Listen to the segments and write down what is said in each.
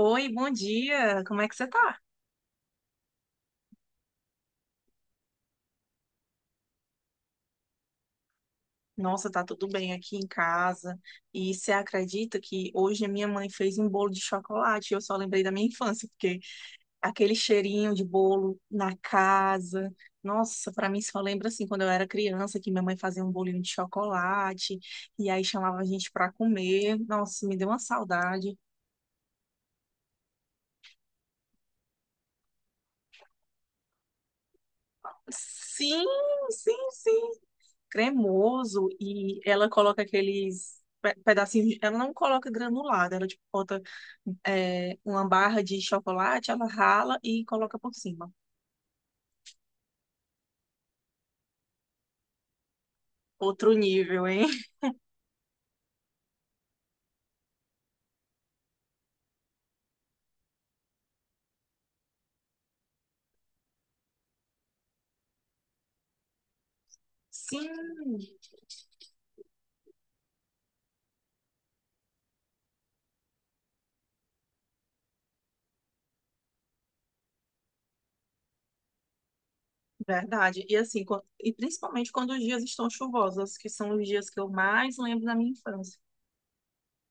Oi, bom dia. Como é que você tá? Nossa, tá tudo bem aqui em casa. E você acredita que hoje a minha mãe fez um bolo de chocolate? Eu só lembrei da minha infância, porque aquele cheirinho de bolo na casa. Nossa, pra mim só lembra assim quando eu era criança que minha mãe fazia um bolinho de chocolate e aí chamava a gente pra comer. Nossa, me deu uma saudade. Sim, sim. Cremoso e ela coloca aqueles pedacinhos. Ela não coloca granulado, ela tipo bota uma barra de chocolate, ela rala e coloca por cima. Outro nível, hein? Sim, verdade. E assim, e principalmente quando os dias estão chuvosos, que são os dias que eu mais lembro da minha infância,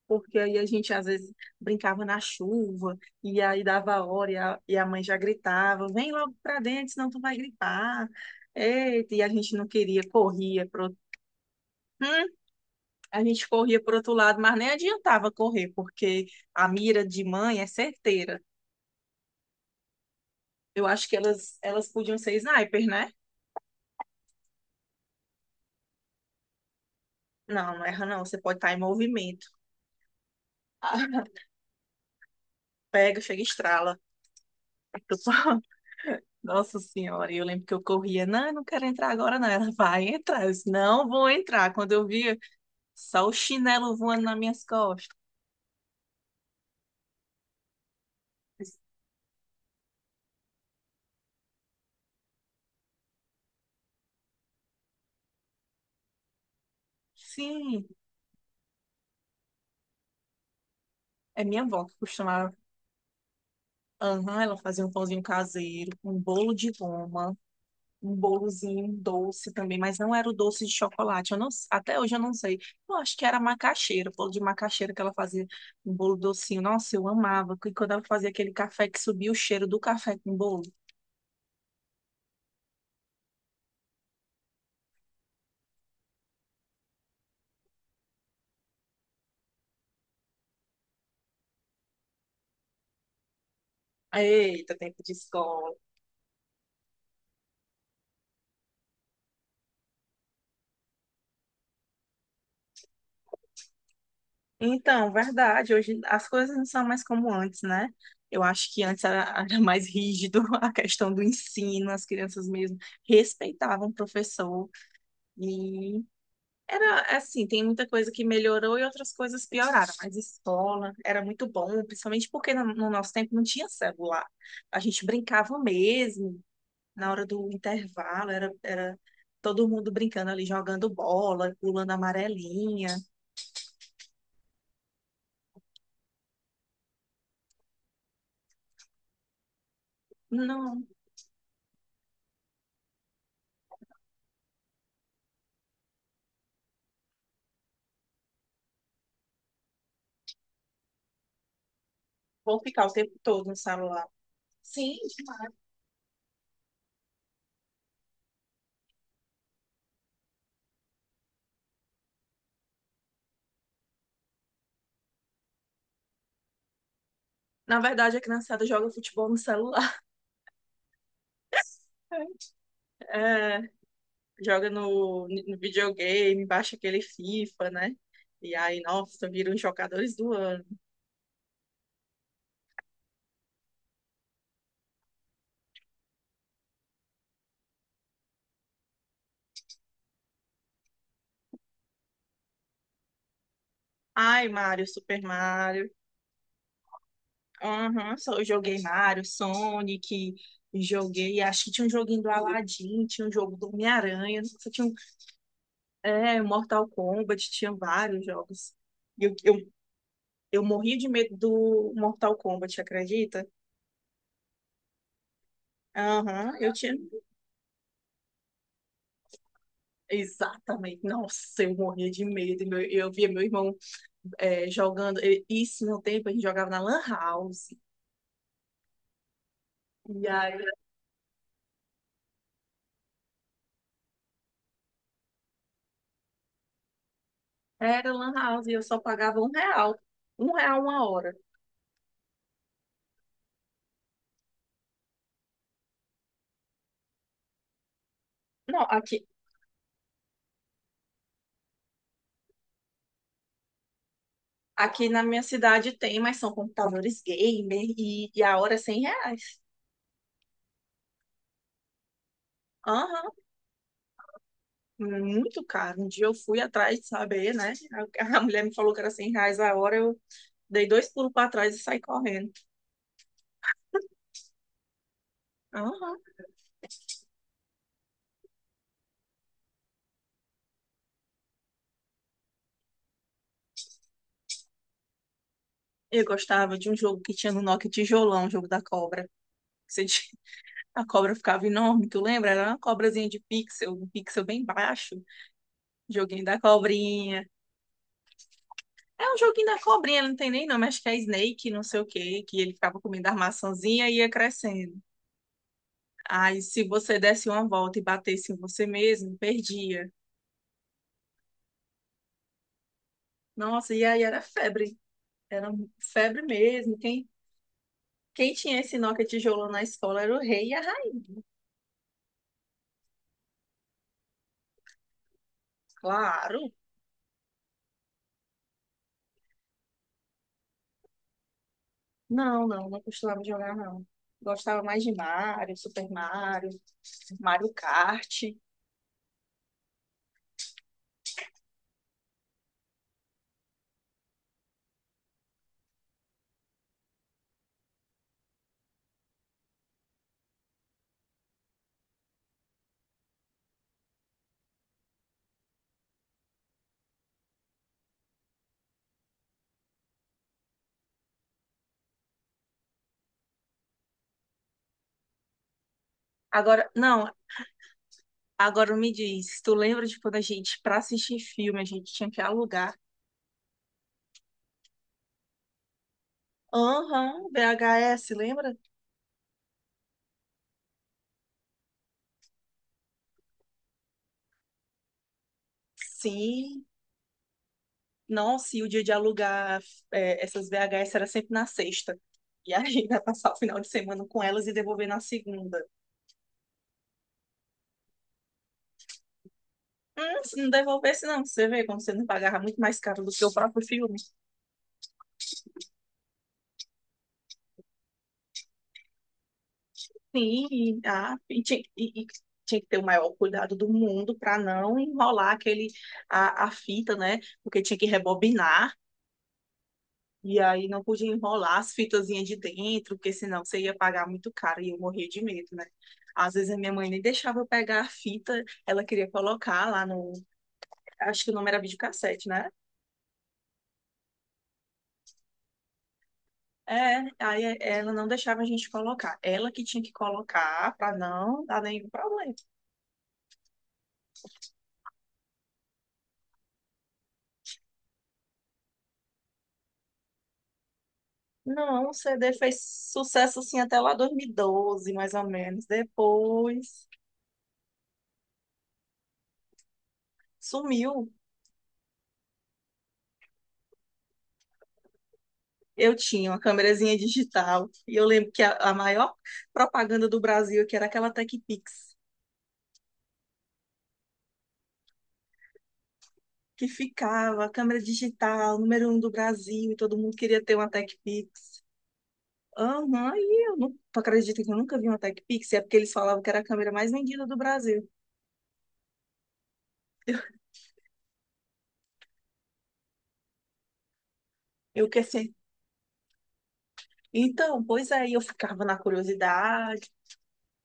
porque aí a gente às vezes brincava na chuva, e aí dava a hora, e a mãe já gritava, vem logo pra dentro, senão tu vai gripar. Eita, e a gente não queria, corria pro... Hum, a gente corria pro outro lado, mas nem adiantava correr, porque a mira de mãe é certeira. Eu acho que elas podiam ser snipers, né? Não, não erra não, você pode estar em movimento. Pega, chega e estrala. Nossa Senhora, e eu lembro que eu corria, não, eu não quero entrar agora, não. Ela vai entrar. Eu disse, não vou entrar. Quando eu vi, só o chinelo voando nas minhas costas. Eu disse, sim, é minha avó que costumava. Aham, ela fazia um pãozinho caseiro, um bolo de goma, um bolozinho doce também, mas não era o doce de chocolate. Eu não, até hoje eu não sei. Eu acho que era macaxeira, bolo de macaxeira que ela fazia, um bolo docinho. Nossa, eu amava. E quando ela fazia aquele café que subia o cheiro do café com bolo. Eita, tempo de escola. Então, verdade, hoje as coisas não são mais como antes, né? Eu acho que antes era, era mais rígido a questão do ensino, as crianças mesmo respeitavam o professor e era assim, tem muita coisa que melhorou e outras coisas pioraram, mas escola era muito bom, principalmente porque no nosso tempo não tinha celular. A gente brincava mesmo na hora do intervalo, era todo mundo brincando ali, jogando bola, pulando amarelinha. Não, vou ficar o tempo todo no celular. Sim, na verdade a criançada joga futebol no celular, é, joga no videogame, baixa aquele FIFA, né? E aí, nossa, viram os jogadores do ano. Ai, Mario, Super Mario. Aham, só eu joguei Mario, Sonic, joguei. Acho que tinha um joguinho do Aladdin, tinha um jogo do Homem-Aranha, não sei se tinha um, é, Mortal Kombat, tinha vários jogos. E Eu, eu, eu morri de medo do Mortal Kombat, acredita? Aham, eu tinha. Exatamente. Nossa, eu morria de medo. Eu via meu irmão é, jogando. Isso no tempo a gente jogava na Lan House. E aí era Lan House e eu só pagava um real. Um real uma hora. Não, aqui, aqui na minha cidade tem, mas são computadores gamer e a hora é R$ 100. Aham, muito caro. Um dia eu fui atrás de saber, né? A mulher me falou que era 100 reais a hora, eu dei dois pulos para trás e saí correndo. Aham. Eu gostava de um jogo que tinha no Nokia Tijolão, o jogo da cobra. Você a cobra ficava enorme, tu lembra? Era uma cobrazinha de pixel, um pixel bem baixo. Joguinho da cobrinha. É um joguinho da cobrinha, não tem nem nome, acho que é Snake, não sei o quê, que ele ficava comendo a maçãzinha e ia crescendo. Aí, se você desse uma volta e batesse em você mesmo, perdia. Nossa, e aí era febre. Febre mesmo. Quem tinha esse Nokia tijolão na escola era o rei e a rainha. Claro. Não, não, não costumava jogar, não. Gostava mais de Mario, Super Mario, Mario Kart. Agora, não, agora me diz, tu lembra de quando a gente, pra assistir filme, a gente tinha que alugar? Aham, VHS, lembra? Sim. Nossa, e o dia de alugar é, essas VHS era sempre na sexta. E a gente ia passar o final de semana com elas e devolver na segunda. Se não devolvesse, não, você vê como você não pagava muito mais caro do que o próprio filme. Sim, ah, e, tinha, e tinha que ter o maior cuidado do mundo para não enrolar aquele, a fita, né? Porque tinha que rebobinar, e aí não podia enrolar as fitazinhas de dentro, porque senão você ia pagar muito caro e eu morria de medo, né? Às vezes a minha mãe nem deixava eu pegar a fita, ela queria colocar lá no. Acho que o nome era videocassete, né? É, aí ela não deixava a gente colocar. Ela que tinha que colocar para não dar nenhum problema. Não, o CD fez sucesso assim até lá 2012, mais ou menos. Depois sumiu. Eu tinha uma câmerazinha digital e eu lembro que a maior propaganda do Brasil que era aquela Techpix que ficava a câmera digital, número 1 do Brasil, e todo mundo queria ter uma Techpix. Pix. Aham, e eu não tu acredita que eu nunca vi uma Techpix. É porque eles falavam que era a câmera mais vendida do Brasil. Eu que sei. Então, pois aí eu ficava na curiosidade,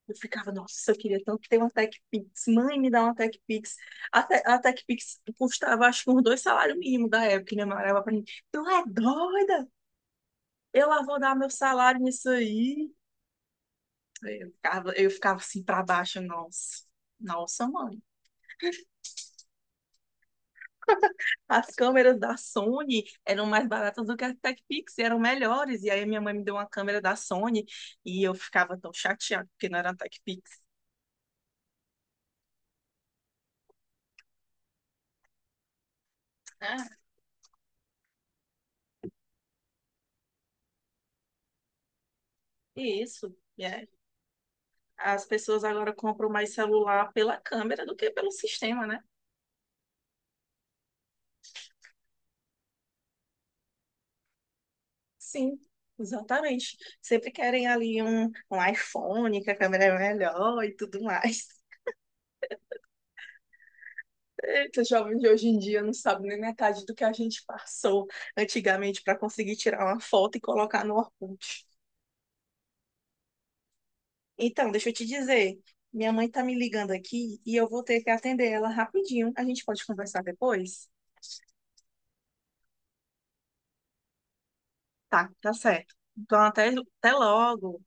eu ficava, nossa, eu queria tanto ter uma TechPix. Mãe, me dá uma TechPix. A TechPix custava, acho que, uns dois salários mínimos da época. E minha mãe olhava pra mim, tu é doida? Eu lá vou dar meu salário nisso aí. Eu ficava assim pra baixo, nossa. Nossa, mãe. As câmeras da Sony eram mais baratas do que a TechPix, e eram melhores. E aí minha mãe me deu uma câmera da Sony e eu ficava tão chateada porque não era a TechPix. Ah, e isso. As pessoas agora compram mais celular pela câmera do que pelo sistema, né? Sim, exatamente. Sempre querem ali um iPhone, que a câmera é melhor e tudo mais. Eita, jovem de hoje em dia não sabe nem metade do que a gente passou antigamente para conseguir tirar uma foto e colocar no Orkut. Então, deixa eu te dizer, minha mãe tá me ligando aqui e eu vou ter que atender ela rapidinho. A gente pode conversar depois? Tá, tá certo. Então, até, até logo.